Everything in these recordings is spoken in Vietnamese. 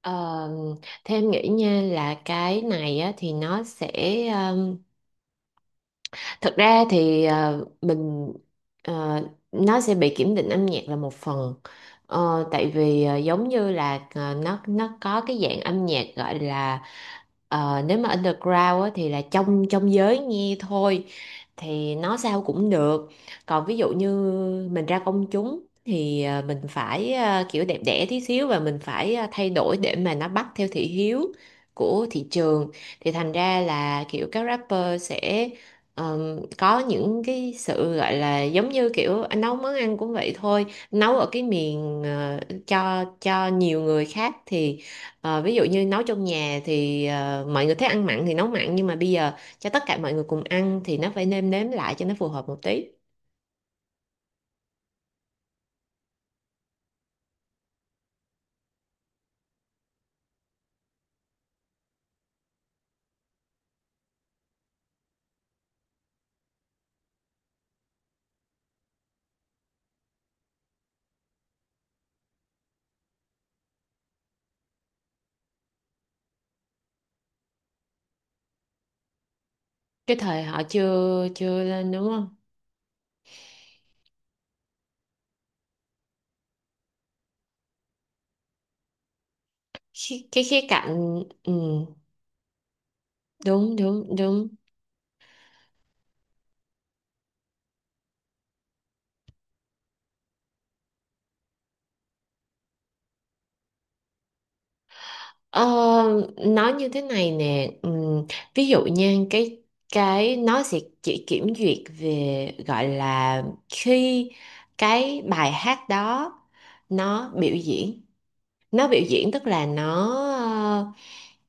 Ờ, theo em nghĩ nha là cái này á, thì ờ, Thật ra thì ờ, nó sẽ bị kiểm định âm nhạc là một phần. Ờ, tại vì giống như là nó có cái dạng âm nhạc gọi là nếu mà underground á, thì là trong trong giới nghe thôi, thì nó sao cũng được. Còn ví dụ như mình ra công chúng thì mình phải kiểu đẹp đẽ tí xíu, và mình phải thay đổi để mà nó bắt theo thị hiếu của thị trường. Thì thành ra là kiểu các rapper sẽ có những cái sự gọi là giống như kiểu anh nấu món ăn cũng vậy thôi. Nấu ở cái miền cho nhiều người khác thì ví dụ như nấu trong nhà thì mọi người thích ăn mặn thì nấu mặn, nhưng mà bây giờ cho tất cả mọi người cùng ăn thì nó phải nêm nếm lại cho nó phù hợp một tí. Cái thời họ chưa chưa lên đúng không? Cái khía cạnh ừ, đúng đúng đúng. Ờ, nói như thế này nè, ví dụ nha, cái nó sẽ chỉ kiểm duyệt về gọi là khi cái bài hát đó nó biểu diễn, nó biểu diễn tức là nó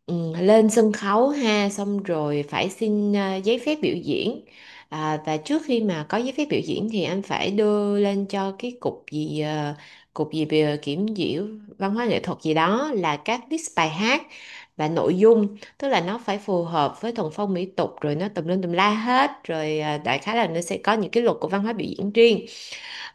ừ, lên sân khấu ha, xong rồi phải xin giấy phép biểu diễn. À, và trước khi mà có giấy phép biểu diễn thì anh phải đưa lên cho cái cục gì cục gì về kiểm duyệt văn hóa nghệ thuật gì đó là các list bài hát và nội dung, tức là nó phải phù hợp với thuần phong mỹ tục rồi nó tùm lum tùm la hết rồi. Ờ, Đại khái là nó sẽ có những cái luật của văn hóa biểu diễn riêng.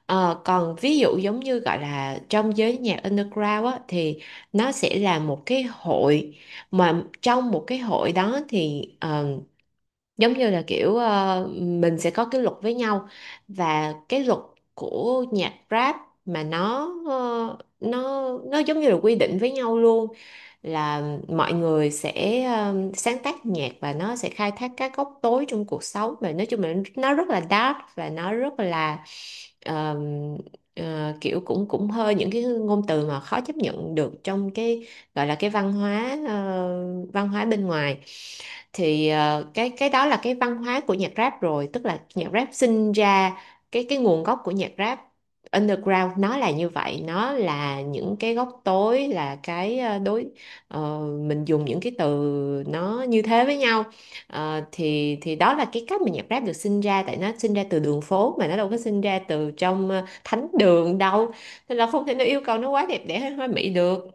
Ờ, còn ví dụ giống như gọi là trong giới nhạc underground á, thì nó sẽ là một cái hội, mà trong một cái hội đó thì giống như là kiểu mình sẽ có cái luật với nhau, và cái luật của nhạc rap mà nó giống như là quy định với nhau luôn, là mọi người sẽ sáng tác nhạc và nó sẽ khai thác các góc tối trong cuộc sống, và nói chung là nó rất là dark và nó rất là um, kiểu cũng cũng hơi những cái ngôn từ mà khó chấp nhận được trong cái gọi là cái văn hóa văn hóa bên ngoài. Thì cái đó là cái văn hóa của nhạc rap rồi, tức là nhạc rap sinh ra, cái nguồn gốc của nhạc rap underground nó là như vậy, nó là những cái góc tối, là cái mình dùng những cái từ nó như thế với nhau. Ờ, thì đó là cái cách mà nhạc rap được sinh ra, tại nó sinh ra từ đường phố mà, nó đâu có sinh ra từ trong thánh đường đâu, nên là không thể nào yêu cầu nó quá đẹp đẽ hay hoa mỹ được.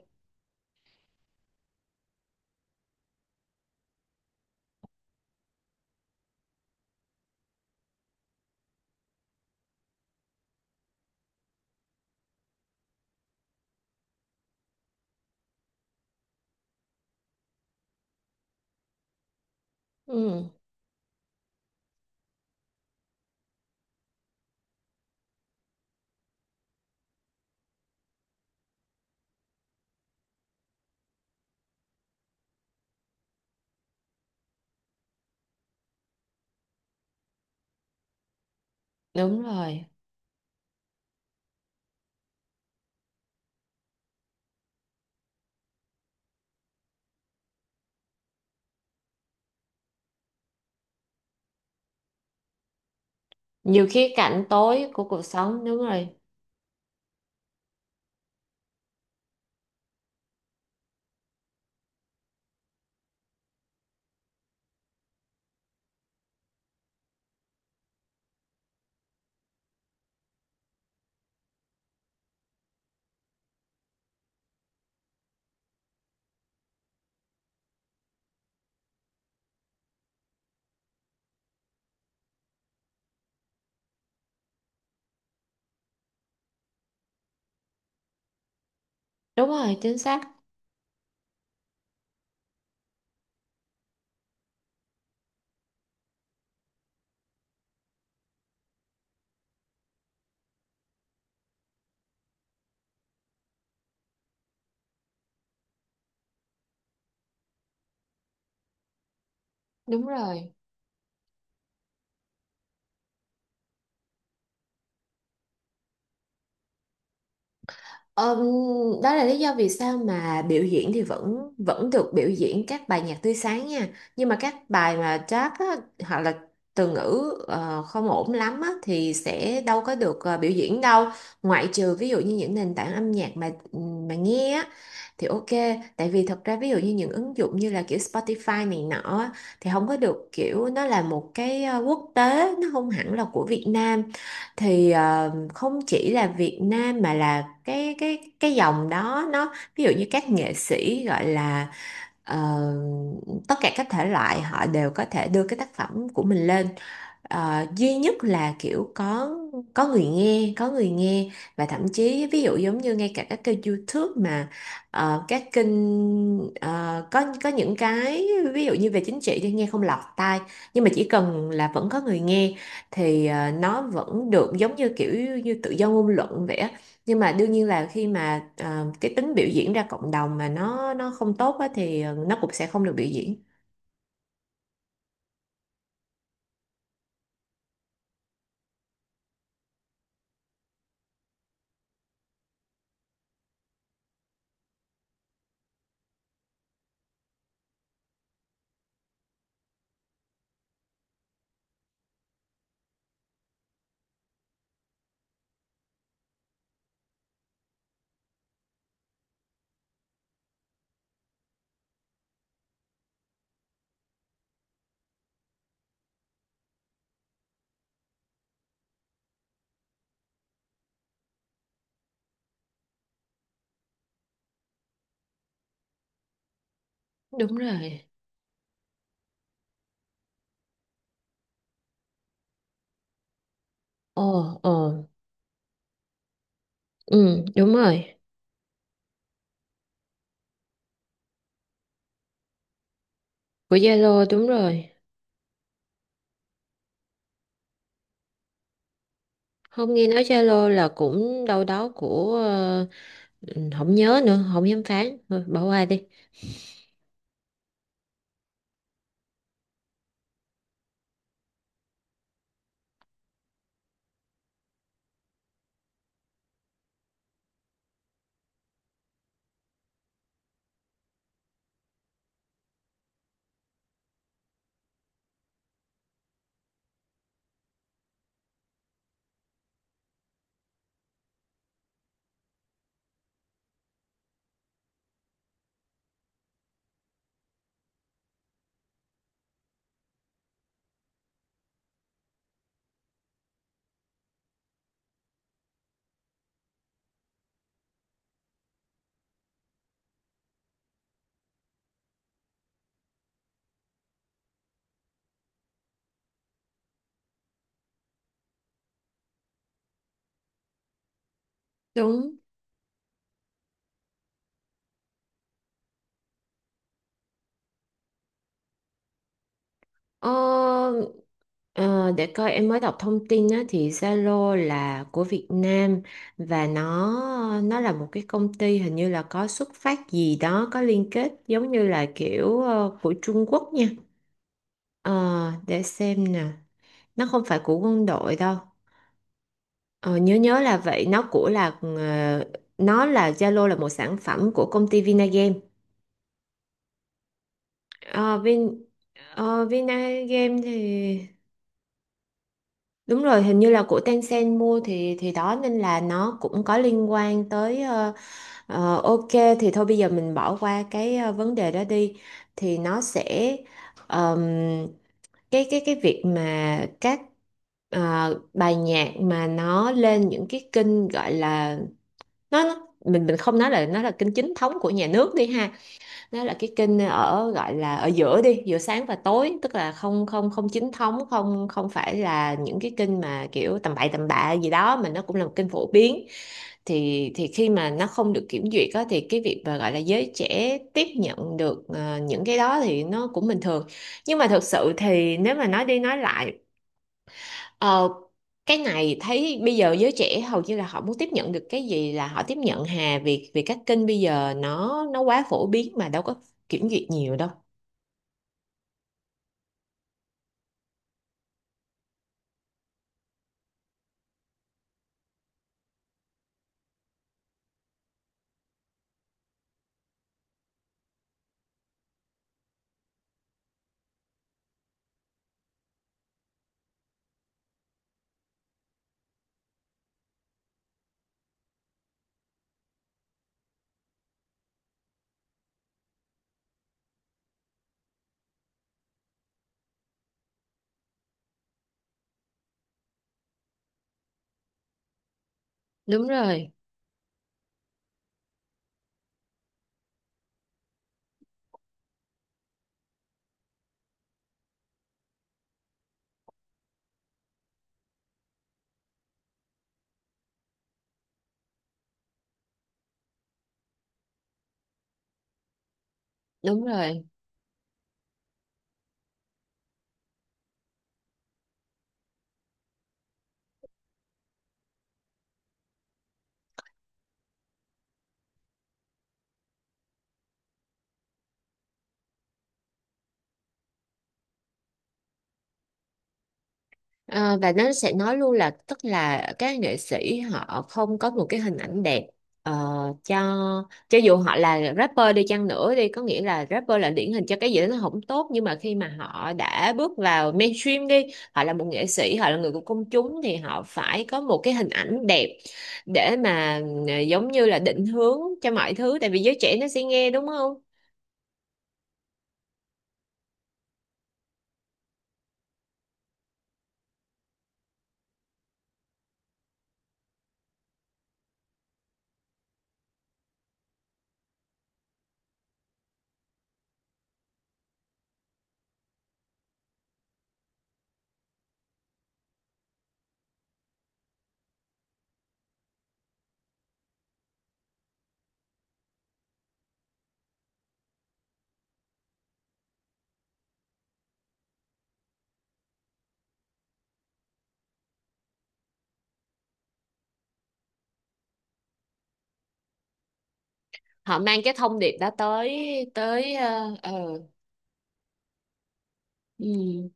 Ừ, đúng rồi. Nhiều khía cạnh tối của cuộc sống, đúng rồi. Đúng rồi, chính xác, đúng rồi. Ờ, đó là lý do vì sao mà biểu diễn thì vẫn vẫn được biểu diễn các bài nhạc tươi sáng nha. Nhưng mà các bài mà jazz á, hoặc là từ ngữ không ổn lắm á, thì sẽ đâu có được biểu diễn đâu. Ngoại trừ ví dụ như những nền tảng âm nhạc mà ừ, mà nghe á, thì ok. Tại vì thật ra ví dụ như những ứng dụng như là kiểu Spotify này nọ á, thì không có được, kiểu nó là một cái quốc tế, nó không hẳn là của Việt Nam. Thì không chỉ là Việt Nam mà là cái dòng đó, nó ví dụ như các nghệ sĩ gọi là ờ, tất cả các thể loại họ đều có thể đưa cái tác phẩm của mình lên. Ờ, duy nhất là kiểu có người nghe, có người nghe. Và thậm chí ví dụ giống như ngay cả các kênh YouTube mà các kênh có những cái ví dụ như về chính trị thì nghe không lọt tai, nhưng mà chỉ cần là vẫn có người nghe thì nó vẫn được, giống như kiểu như tự do ngôn luận vậy á. Nhưng mà đương nhiên là khi mà cái tính biểu diễn ra cộng đồng mà nó không tốt á thì nó cũng sẽ không được biểu diễn. Đúng rồi. Ồ, ồ, ừ, đúng rồi. Của Zalo, đúng rồi. Không, nghe nói Zalo là cũng đâu đó của ừ, không nhớ nữa, không dám phán. Thôi, bỏ qua đi. Đúng. Ờ, ờ, để coi, em mới đọc thông tin á, thì Zalo là của Việt Nam, và nó là một cái công ty hình như là có xuất phát gì đó, có liên kết giống như là kiểu của Trung Quốc nha. Ờ, để xem nè, nó không phải của quân đội đâu. Ờ, nhớ nhớ là vậy, nó là, Zalo là một sản phẩm của công ty Vinagame. Ờ, Vinagame thì đúng rồi, hình như là của Tencent mua, thì đó nên là nó cũng có liên quan tới ok. Thì thôi bây giờ mình bỏ qua cái vấn đề đó đi. Thì nó sẽ ờm, cái việc mà các bài nhạc mà nó lên những cái kênh gọi là mình không nói là nó là kênh chính thống của nhà nước đi ha, nó là cái kênh ở gọi là ở giữa đi, giữa sáng và tối, tức là không không không chính thống, không không phải là những cái kênh mà kiểu tầm bậy tầm bạ gì đó, mà nó cũng là một kênh phổ biến. Thì khi mà nó không được kiểm duyệt á, thì cái việc mà gọi là giới trẻ tiếp nhận được những cái đó thì nó cũng bình thường. Nhưng mà thực sự thì nếu mà nói đi nói lại, ờ, cái này thấy bây giờ giới trẻ hầu như là họ muốn tiếp nhận được cái gì là họ tiếp nhận hà, vì vì các kênh bây giờ nó quá phổ biến mà đâu có kiểm duyệt nhiều đâu. Đúng rồi, đúng rồi. Ờ, và nó sẽ nói luôn là tức là các nghệ sĩ họ không có một cái hình ảnh đẹp, ờ, cho cho dù họ là rapper đi chăng nữa đi, có nghĩa là rapper là điển hình cho cái gì đó nó không tốt, nhưng mà khi mà họ đã bước vào mainstream đi, họ là một nghệ sĩ, họ là người của công chúng thì họ phải có một cái hình ảnh đẹp để mà giống như là định hướng cho mọi thứ, tại vì giới trẻ nó sẽ nghe đúng không? Họ mang cái thông điệp đó tới, tới ừ,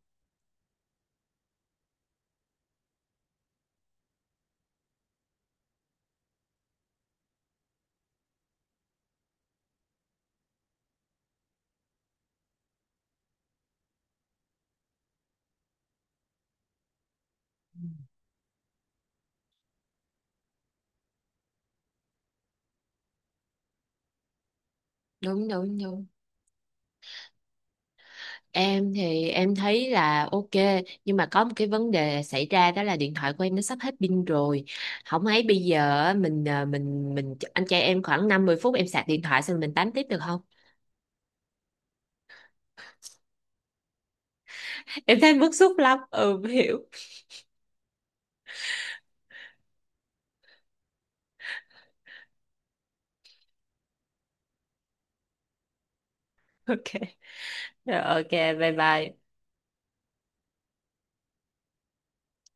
đúng đúng đúng. Em thì em thấy là ok, nhưng mà có một cái vấn đề xảy ra, đó là điện thoại của em nó sắp hết pin rồi. Không ấy bây giờ á, mình anh trai em khoảng 50 phút em sạc điện thoại xong mình tám tiếp được không? Em thấy bức xúc lắm. Ừ hiểu. Ok. Rồi, ok, bye bye.